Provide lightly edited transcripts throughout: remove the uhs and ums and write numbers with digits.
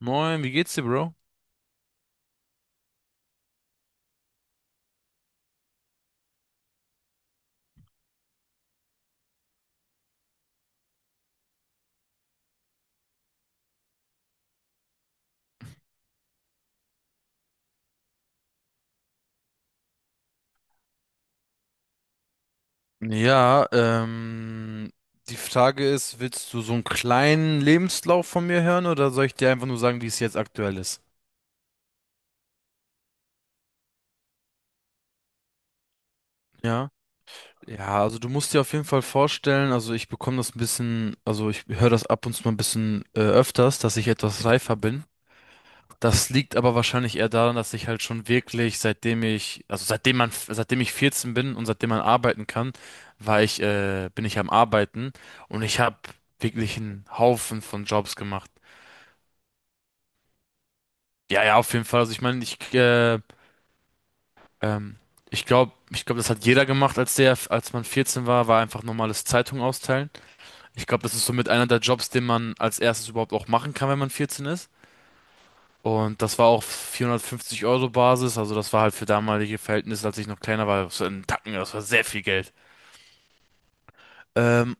Moin, wie geht's dir, Bro? Ja, die Frage ist, willst du so einen kleinen Lebenslauf von mir hören oder soll ich dir einfach nur sagen, wie es jetzt aktuell ist? Ja. Ja, also du musst dir auf jeden Fall vorstellen, also ich bekomme das ein bisschen, also ich höre das ab und zu mal ein bisschen öfters, dass ich etwas reifer bin. Das liegt aber wahrscheinlich eher daran, dass ich halt schon wirklich, seitdem ich, also seitdem man, seitdem ich 14 bin und seitdem man arbeiten kann, bin ich am Arbeiten und ich habe wirklich einen Haufen von Jobs gemacht. Ja, ja, auf jeden Fall. Also ich meine, ähm, ich glaube, das hat jeder gemacht, als man 14 war, war einfach normales Zeitung austeilen. Ich glaube, das ist somit einer der Jobs, den man als erstes überhaupt auch machen kann, wenn man 14 ist. Und das war auf 450 € Basis, also das war halt für damalige Verhältnisse, als ich noch kleiner war, so ein Tacken, das war sehr viel Geld. Ähm,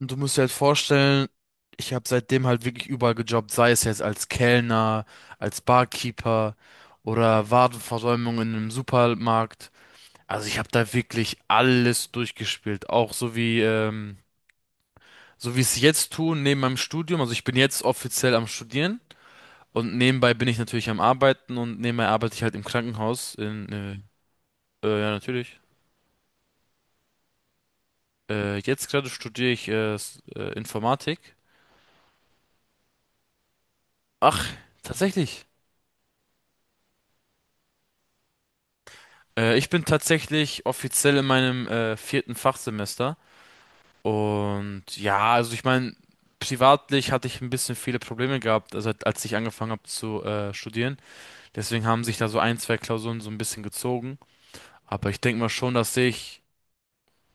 und du musst dir halt vorstellen, ich habe seitdem halt wirklich überall gejobbt, sei es jetzt als Kellner, als Barkeeper oder Warenversäumung in einem Supermarkt. Also ich habe da wirklich alles durchgespielt, auch so wie ich es jetzt tue neben meinem Studium. Also ich bin jetzt offiziell am Studieren. Und nebenbei bin ich natürlich am Arbeiten und nebenbei arbeite ich halt im Krankenhaus. Ja, natürlich. Jetzt gerade studiere ich Informatik. Ach, tatsächlich. Ich bin tatsächlich offiziell in meinem vierten Fachsemester. Und ja, also ich meine, privatlich hatte ich ein bisschen viele Probleme gehabt, also als ich angefangen habe zu studieren. Deswegen haben sich da so ein, zwei Klausuren so ein bisschen gezogen. Aber ich denke mal schon, dass ich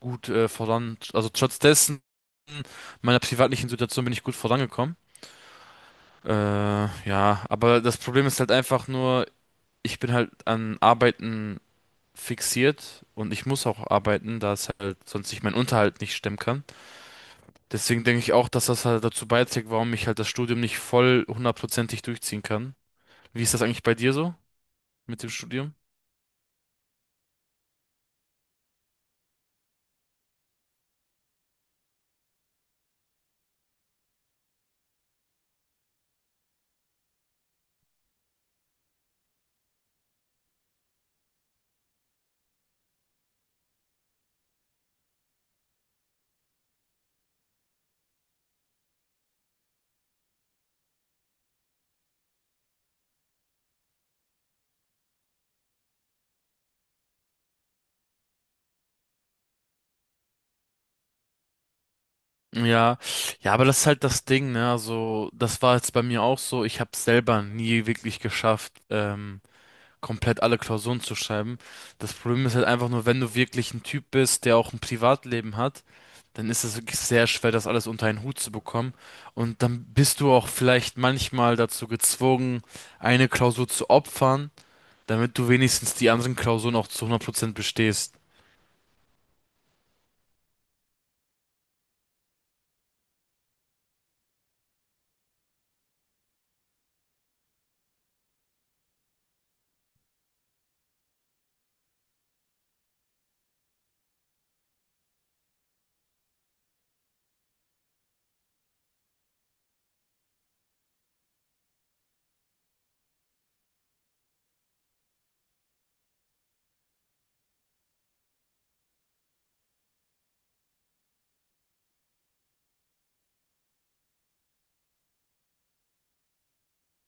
gut also trotz dessen meiner privatlichen Situation bin ich gut vorangekommen. Äh, ja, aber das Problem ist halt einfach nur, ich bin halt an Arbeiten fixiert und ich muss auch arbeiten, da es halt sonst ich meinen Unterhalt nicht stemmen kann. Deswegen denke ich auch, dass das halt dazu beiträgt, warum ich halt das Studium nicht voll hundertprozentig durchziehen kann. Wie ist das eigentlich bei dir so mit dem Studium? Ja, ja, aber das ist halt das Ding, ne? Also, das war jetzt bei mir auch so. Ich habe es selber nie wirklich geschafft, komplett alle Klausuren zu schreiben. Das Problem ist halt einfach nur, wenn du wirklich ein Typ bist, der auch ein Privatleben hat, dann ist es wirklich sehr schwer, das alles unter einen Hut zu bekommen. Und dann bist du auch vielleicht manchmal dazu gezwungen, eine Klausur zu opfern, damit du wenigstens die anderen Klausuren auch zu 100% bestehst.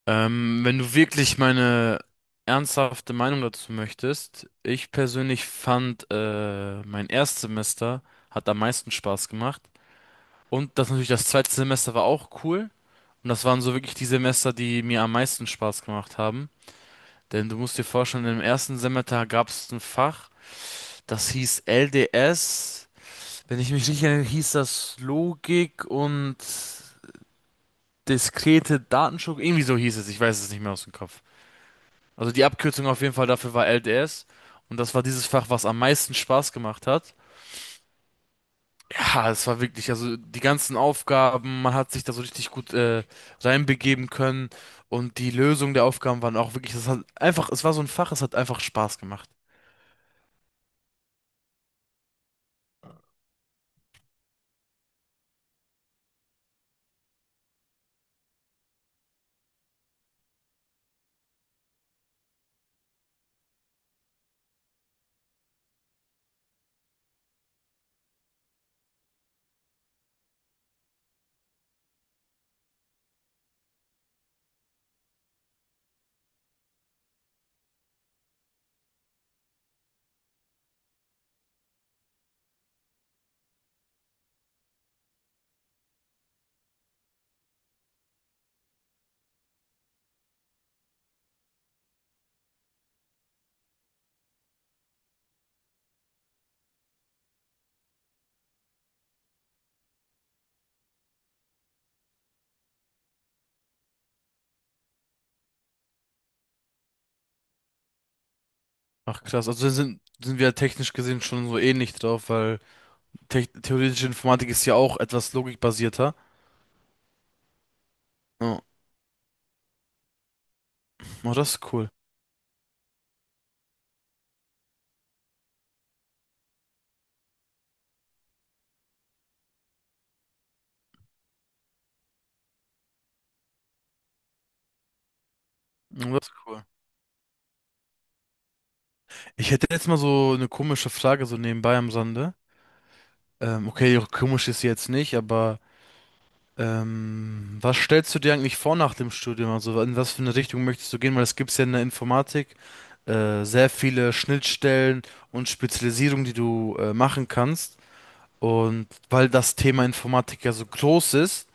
Wenn du wirklich meine ernsthafte Meinung dazu möchtest, ich persönlich fand, mein Erstsemester hat am meisten Spaß gemacht. Und das natürlich, das zweite Semester war auch cool. Und das waren so wirklich die Semester, die mir am meisten Spaß gemacht haben. Denn du musst dir vorstellen, im ersten Semester gab es ein Fach, das hieß LDS. Wenn ich mich nicht erinnere, hieß das Logik und diskrete Datenstruktur. Irgendwie so hieß es, ich weiß es nicht mehr aus dem Kopf. Also die Abkürzung auf jeden Fall dafür war LDS. Und das war dieses Fach, was am meisten Spaß gemacht hat. Ja, es war wirklich, also die ganzen Aufgaben, man hat sich da so richtig gut reinbegeben können und die Lösung der Aufgaben waren auch wirklich, das hat einfach, es war so ein Fach, es hat einfach Spaß gemacht. Ach krass, also sind wir technisch gesehen schon so ähnlich drauf, weil te theoretische Informatik ist ja auch etwas logikbasierter. Oh, oh, das ist cool. Oh, das ist cool. Ich hätte jetzt mal so eine komische Frage so nebenbei am Sande. Okay, komisch ist sie jetzt nicht, aber ähm, was stellst du dir eigentlich vor nach dem Studium? Also in was für eine Richtung möchtest du gehen? Weil es gibt ja in der Informatik sehr viele Schnittstellen und Spezialisierungen, die du machen kannst. Und weil das Thema Informatik ja so groß ist,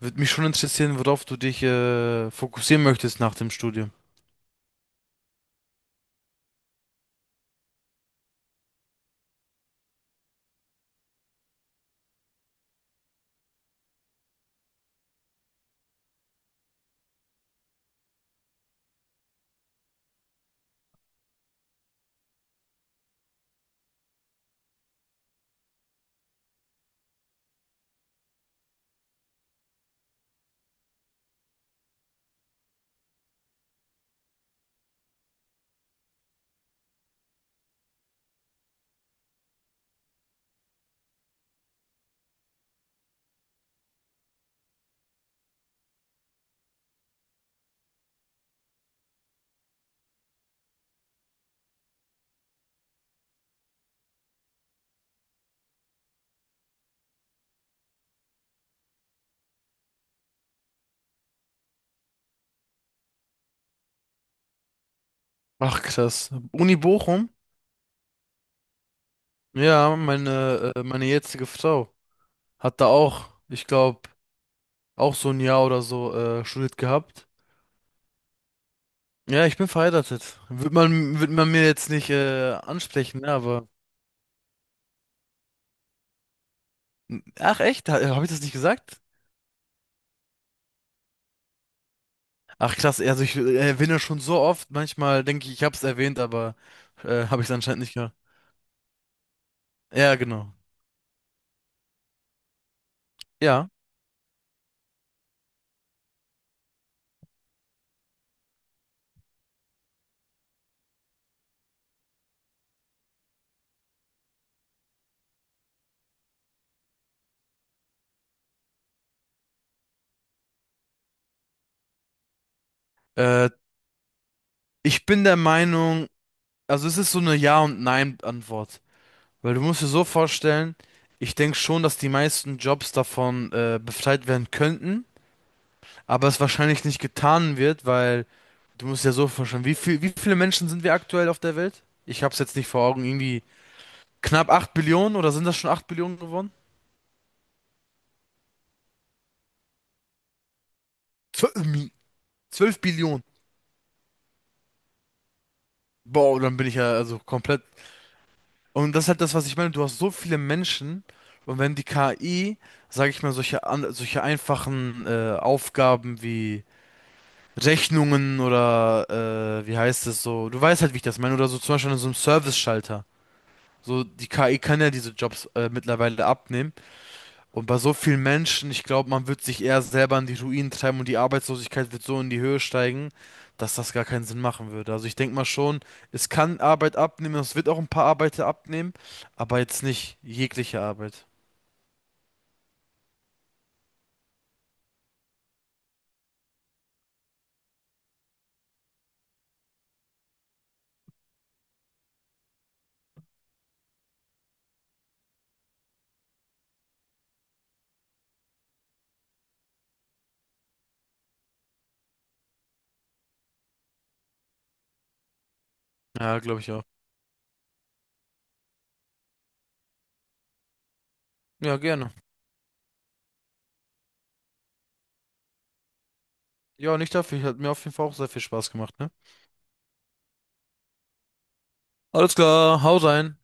würde mich schon interessieren, worauf du dich fokussieren möchtest nach dem Studium. Ach krass. Uni Bochum? Ja, meine jetzige Frau hat da auch, ich glaube, auch so ein Jahr oder so studiert gehabt. Ja, ich bin verheiratet. Wird man mir jetzt nicht ansprechen, ne? Aber. Ach echt? Habe ich das nicht gesagt? Ach krass, also ich erwähne schon so oft. Manchmal denke ich, ich habe es erwähnt, aber habe ich es anscheinend nicht gehört. Ja, genau. Ja. Äh, Ich bin der Meinung, also es ist so eine Ja- und Nein-Antwort. Weil du musst dir so vorstellen, ich denke schon, dass die meisten Jobs davon befreit werden könnten, aber es wahrscheinlich nicht getan wird, weil. Du musst ja so vorstellen, wie viele Menschen sind wir aktuell auf der Welt? Ich hab's jetzt nicht vor Augen, irgendwie knapp acht Billionen oder sind das schon 8 Billionen geworden? 12, 12 Billionen. Boah, dann bin ich ja also komplett. Und das ist halt das, was ich meine. Du hast so viele Menschen und wenn die KI, sage ich mal, solche einfachen Aufgaben wie Rechnungen oder wie heißt es so, du weißt halt, wie ich das meine, oder so zum Beispiel an so einem Service-Schalter. So, die KI kann ja diese Jobs mittlerweile abnehmen. Und bei so vielen Menschen, ich glaube, man wird sich eher selber in die Ruinen treiben und die Arbeitslosigkeit wird so in die Höhe steigen, dass das gar keinen Sinn machen würde. Also ich denke mal schon, es kann Arbeit abnehmen, es wird auch ein paar Arbeiter abnehmen, aber jetzt nicht jegliche Arbeit. Ja, glaube ich auch. Ja, gerne. Ja, nicht dafür. Hat mir auf jeden Fall auch sehr viel Spaß gemacht, ne? Alles klar, hau rein.